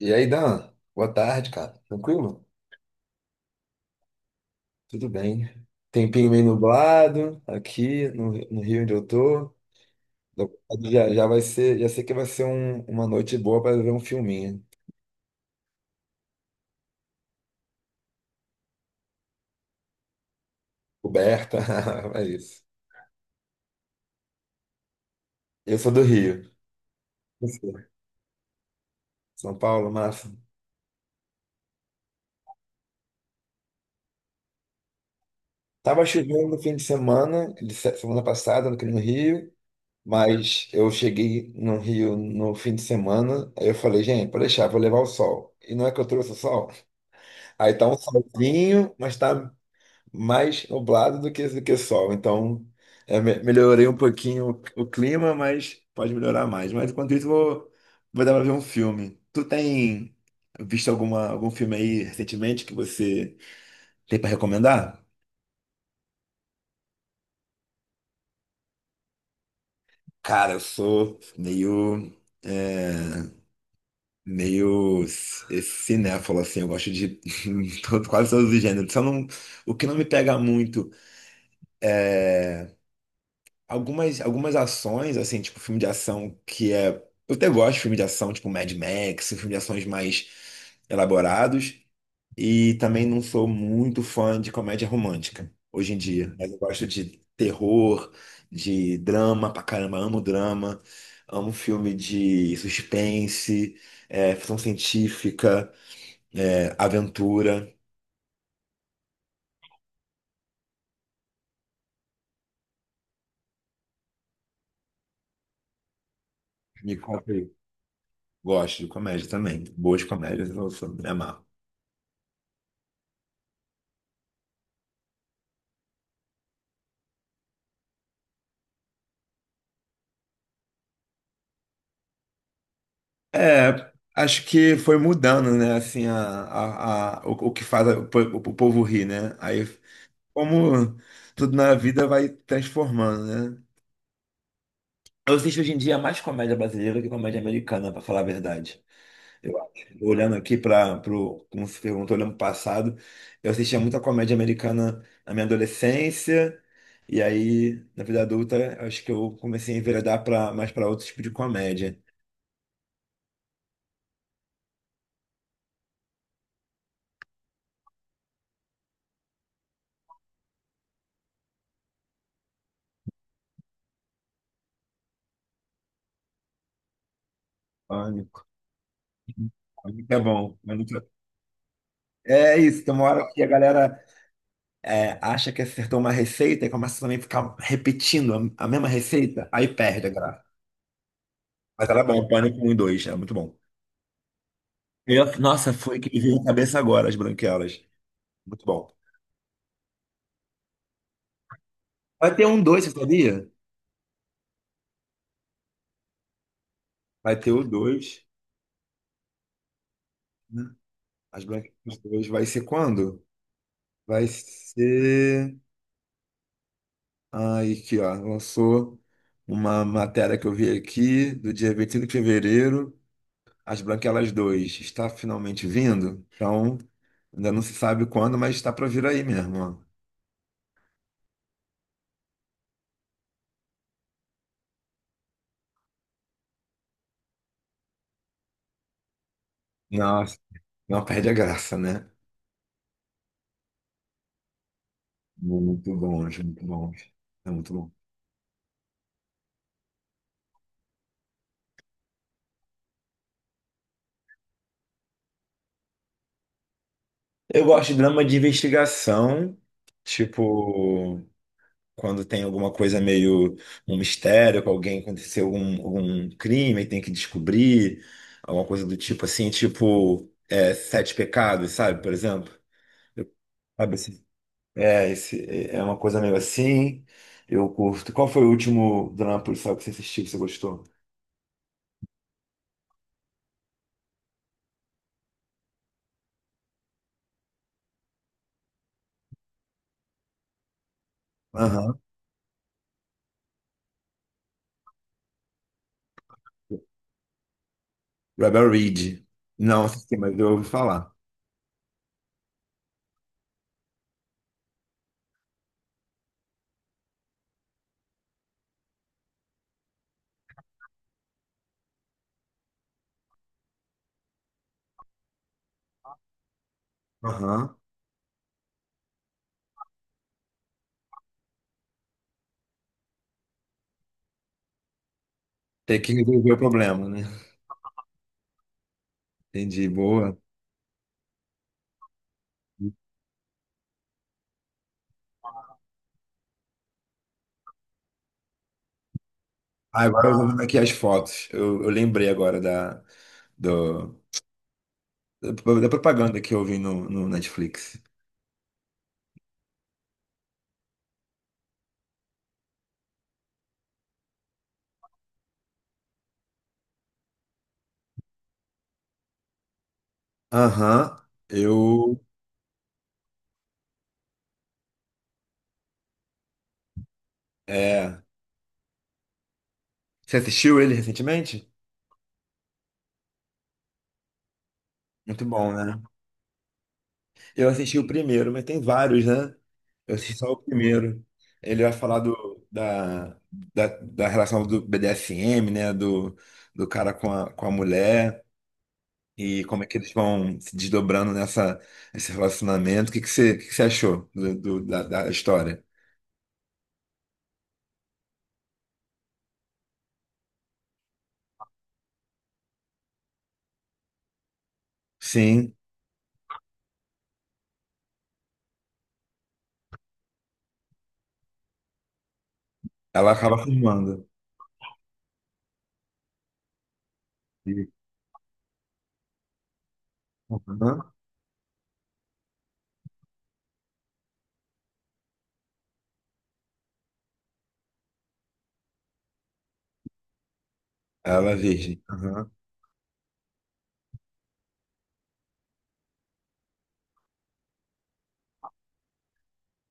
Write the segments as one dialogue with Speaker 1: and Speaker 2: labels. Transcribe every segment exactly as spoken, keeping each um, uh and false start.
Speaker 1: E aí, Dan? Boa tarde, cara. Tranquilo? Tudo bem. Tempinho meio nublado aqui no, no Rio onde eu tô. Já, já vai ser, já sei que vai ser um- uma noite boa para ver um filminho. Coberta, é isso. Eu sou do Rio. Você? São Paulo, massa. Tava chovendo no fim de semana, de se- semana passada aqui no Rio, mas eu cheguei no Rio no fim de semana, aí eu falei, gente, pode deixar, vou levar o sol. E não é que eu trouxe o sol? Aí tá um solzinho, mas tá mais nublado do que, do que sol. Então, é, me- melhorei um pouquinho o, o clima, mas pode melhorar mais. Mas enquanto isso, vou, vou dar pra ver um filme. Tu tem visto alguma, algum filme aí recentemente que você tem pra recomendar? Cara, eu sou meio. é, meio c- cinéfalo, assim, eu gosto de todo- quase todos os gêneros. Só não, o que não me pega muito. Algumas, algumas ações, assim, tipo filme de ação que é. Eu até gosto de filme de ação, tipo Mad Max, filme de ações mais elaborados. E também não sou muito fã de comédia romântica hoje em dia. Mas eu gosto de terror, de drama pra caramba, amo drama, amo filme de suspense, é, ficção científica, é, aventura. Me comprei. Gosto de comédia também. Boas comédias, eu sou- me amarro. É, acho que foi mudando, né? Assim, a, a, a- o, o que faz o, po- o povo rir, né? Aí, como tudo na vida vai transformando, né? Eu assisto hoje em dia mais comédia brasileira que comédia americana, pra falar a verdade. Eu acho. Olhando aqui para pro, como se perguntou, olhando pro passado, eu assistia muita comédia americana na minha adolescência, e aí, na vida adulta, eu acho que eu comecei a enveredar pra, mais para outro tipo de comédia. Pânico. Pânico é bom. É isso, tem uma hora que a galera é, acha que acertou uma receita e começa também a ficar repetindo a, a mesma receita, aí perde a graça. Mas era bom, Pânico um e dois é muito bom. Eu- nossa, foi que me veio na cabeça agora, as branquelas. Muito bom. Vai ter um dois, você sabia? Vai ter o dois. Né? As branquelas dois. Vai ser quando? Vai ser. Ai, aqui, ó, lançou uma matéria que eu vi aqui, do dia vinte e cinco de fevereiro. As Branquelas dois está finalmente vindo, então ainda não se sabe quando, mas está para vir aí mesmo. Ó. Nossa, não perde a graça, né? Muito bom, gente, muito bom. É muito bom. Eu gosto de drama de investigação, tipo, quando tem alguma coisa meio um mistério, que alguém aconteceu algum, algum crime e tem que descobrir, alguma coisa do tipo assim, tipo, é, Sete Pecados, sabe, por exemplo? Eu- Sabe, assim, é, esse, é é uma coisa meio assim. Eu curto. Qual foi o último drama policial que você assistiu, que você gostou? Aham. Rebel Reed. Não assisti, mas eu ouvi falar. Aham. Tem que resolver o problema, né? Entendi, boa. Ah, agora eu vou vendo aqui as fotos. Eu, eu lembrei agora da, do- da, da propaganda que eu vi no, no Netflix. Aham. Eu. É. Você assistiu ele recentemente? Muito bom, né? Eu assisti o primeiro, mas tem vários, né? Eu assisti só o primeiro. Ele vai falar do, da, da, da relação do B D S M, né? Do, do cara com a, com a mulher e como é que eles vão se desdobrando nessa, nesse relacionamento. O que que você, o que que você achou do, do- da, da história? Sim, ela acaba firmando. E- Uhum. Ela é virgem. Uhum.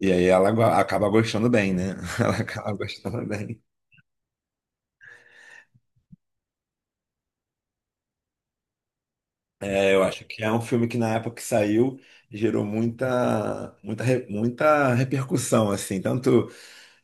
Speaker 1: E aí ela go- acaba gostando bem, né? Ela acaba gostando bem. É, eu acho que é um filme que na época que saiu gerou muita, muita, re- muita repercussão, assim, tanto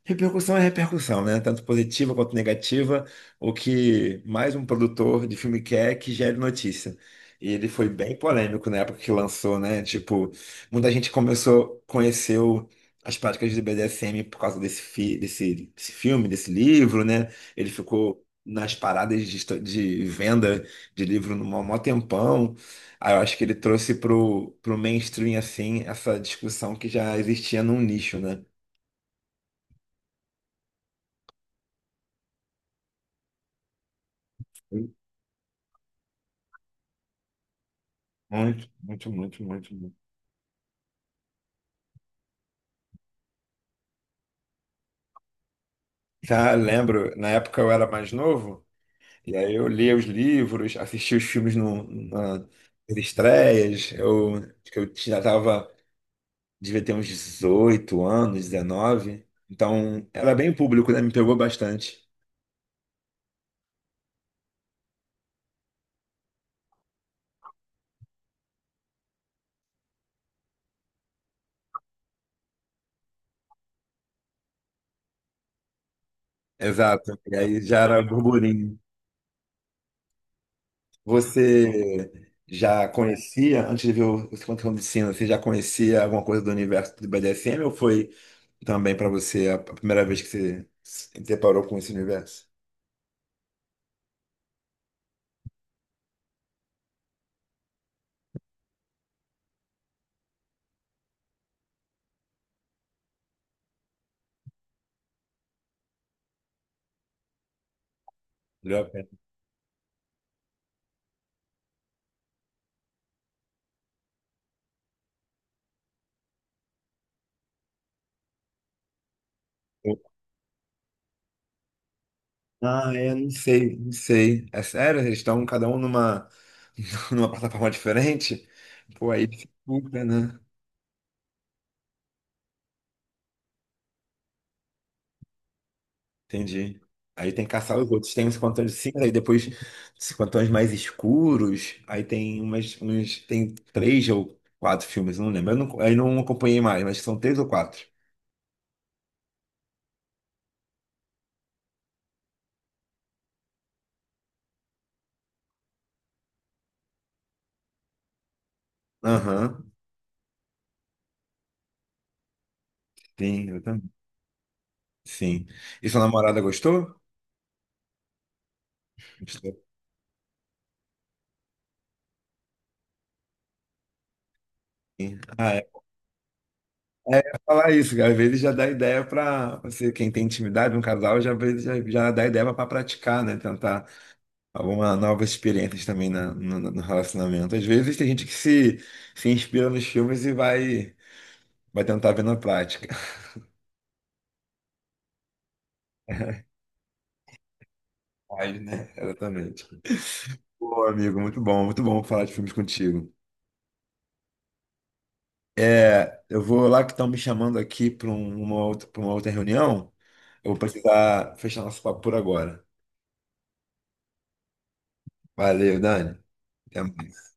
Speaker 1: repercussão é repercussão, né? Tanto positiva quanto negativa. O que mais um produtor de filme quer é que gere notícia. E ele foi bem polêmico na época que lançou, né? Tipo, muita gente começou, conheceu as práticas do B D S M por causa desse, fi- desse, desse filme, desse livro, né? Ele ficou nas paradas de, esto- de venda de livro no maior maior tempão. Aí eu acho que ele trouxe pro, pro mainstream, assim, essa discussão que já existia num nicho, né? Muito, muito, muito, muito, muito. Já lembro, na época eu era mais novo, e aí eu lia os livros, assistia os filmes no, na, nas estreias, eu, acho que eu já tava, devia ter uns dezoito anos, dezenove, então era bem público, né? Me pegou bastante. Exato, e aí já era burburinho. Você já conhecia, antes de ver o o Segundo Cão de Sina, você já conhecia alguma coisa do universo do B D S M ou foi também para você a a primeira vez que você se deparou com esse universo? Valeu a pena. Eu- Ah, é, não sei, não sei. É sério, eles estão cada um numa, numa plataforma diferente? Pô, aí dificulta, né? Entendi. Aí tem que caçar os outros. Tem uns cantões de cinza, aí depois esses cantões mais escuros. Aí tem umas, uns, tem três ou quatro filmes, eu não lembro. Eu não, aí não acompanhei mais, mas são três ou quatro. Aham, sim, eu também. Sim. E sua namorada gostou? Ah, é pra falar isso, cara. Às vezes já dá ideia para você, quem tem intimidade, um casal, já, às vezes já, já dá ideia para praticar, né? Tentar alguma nova experiência também na- no, no relacionamento. Às vezes tem gente que se, se inspira nos filmes e vai, vai tentar ver na prática. Vai, né? Exatamente. Pô, amigo, muito bom, muito bom falar de filmes contigo. É, eu vou lá que estão me chamando aqui para uma outra, para uma outra reunião. Eu vou precisar fechar nosso papo por agora. Valeu, Dani. Até mais.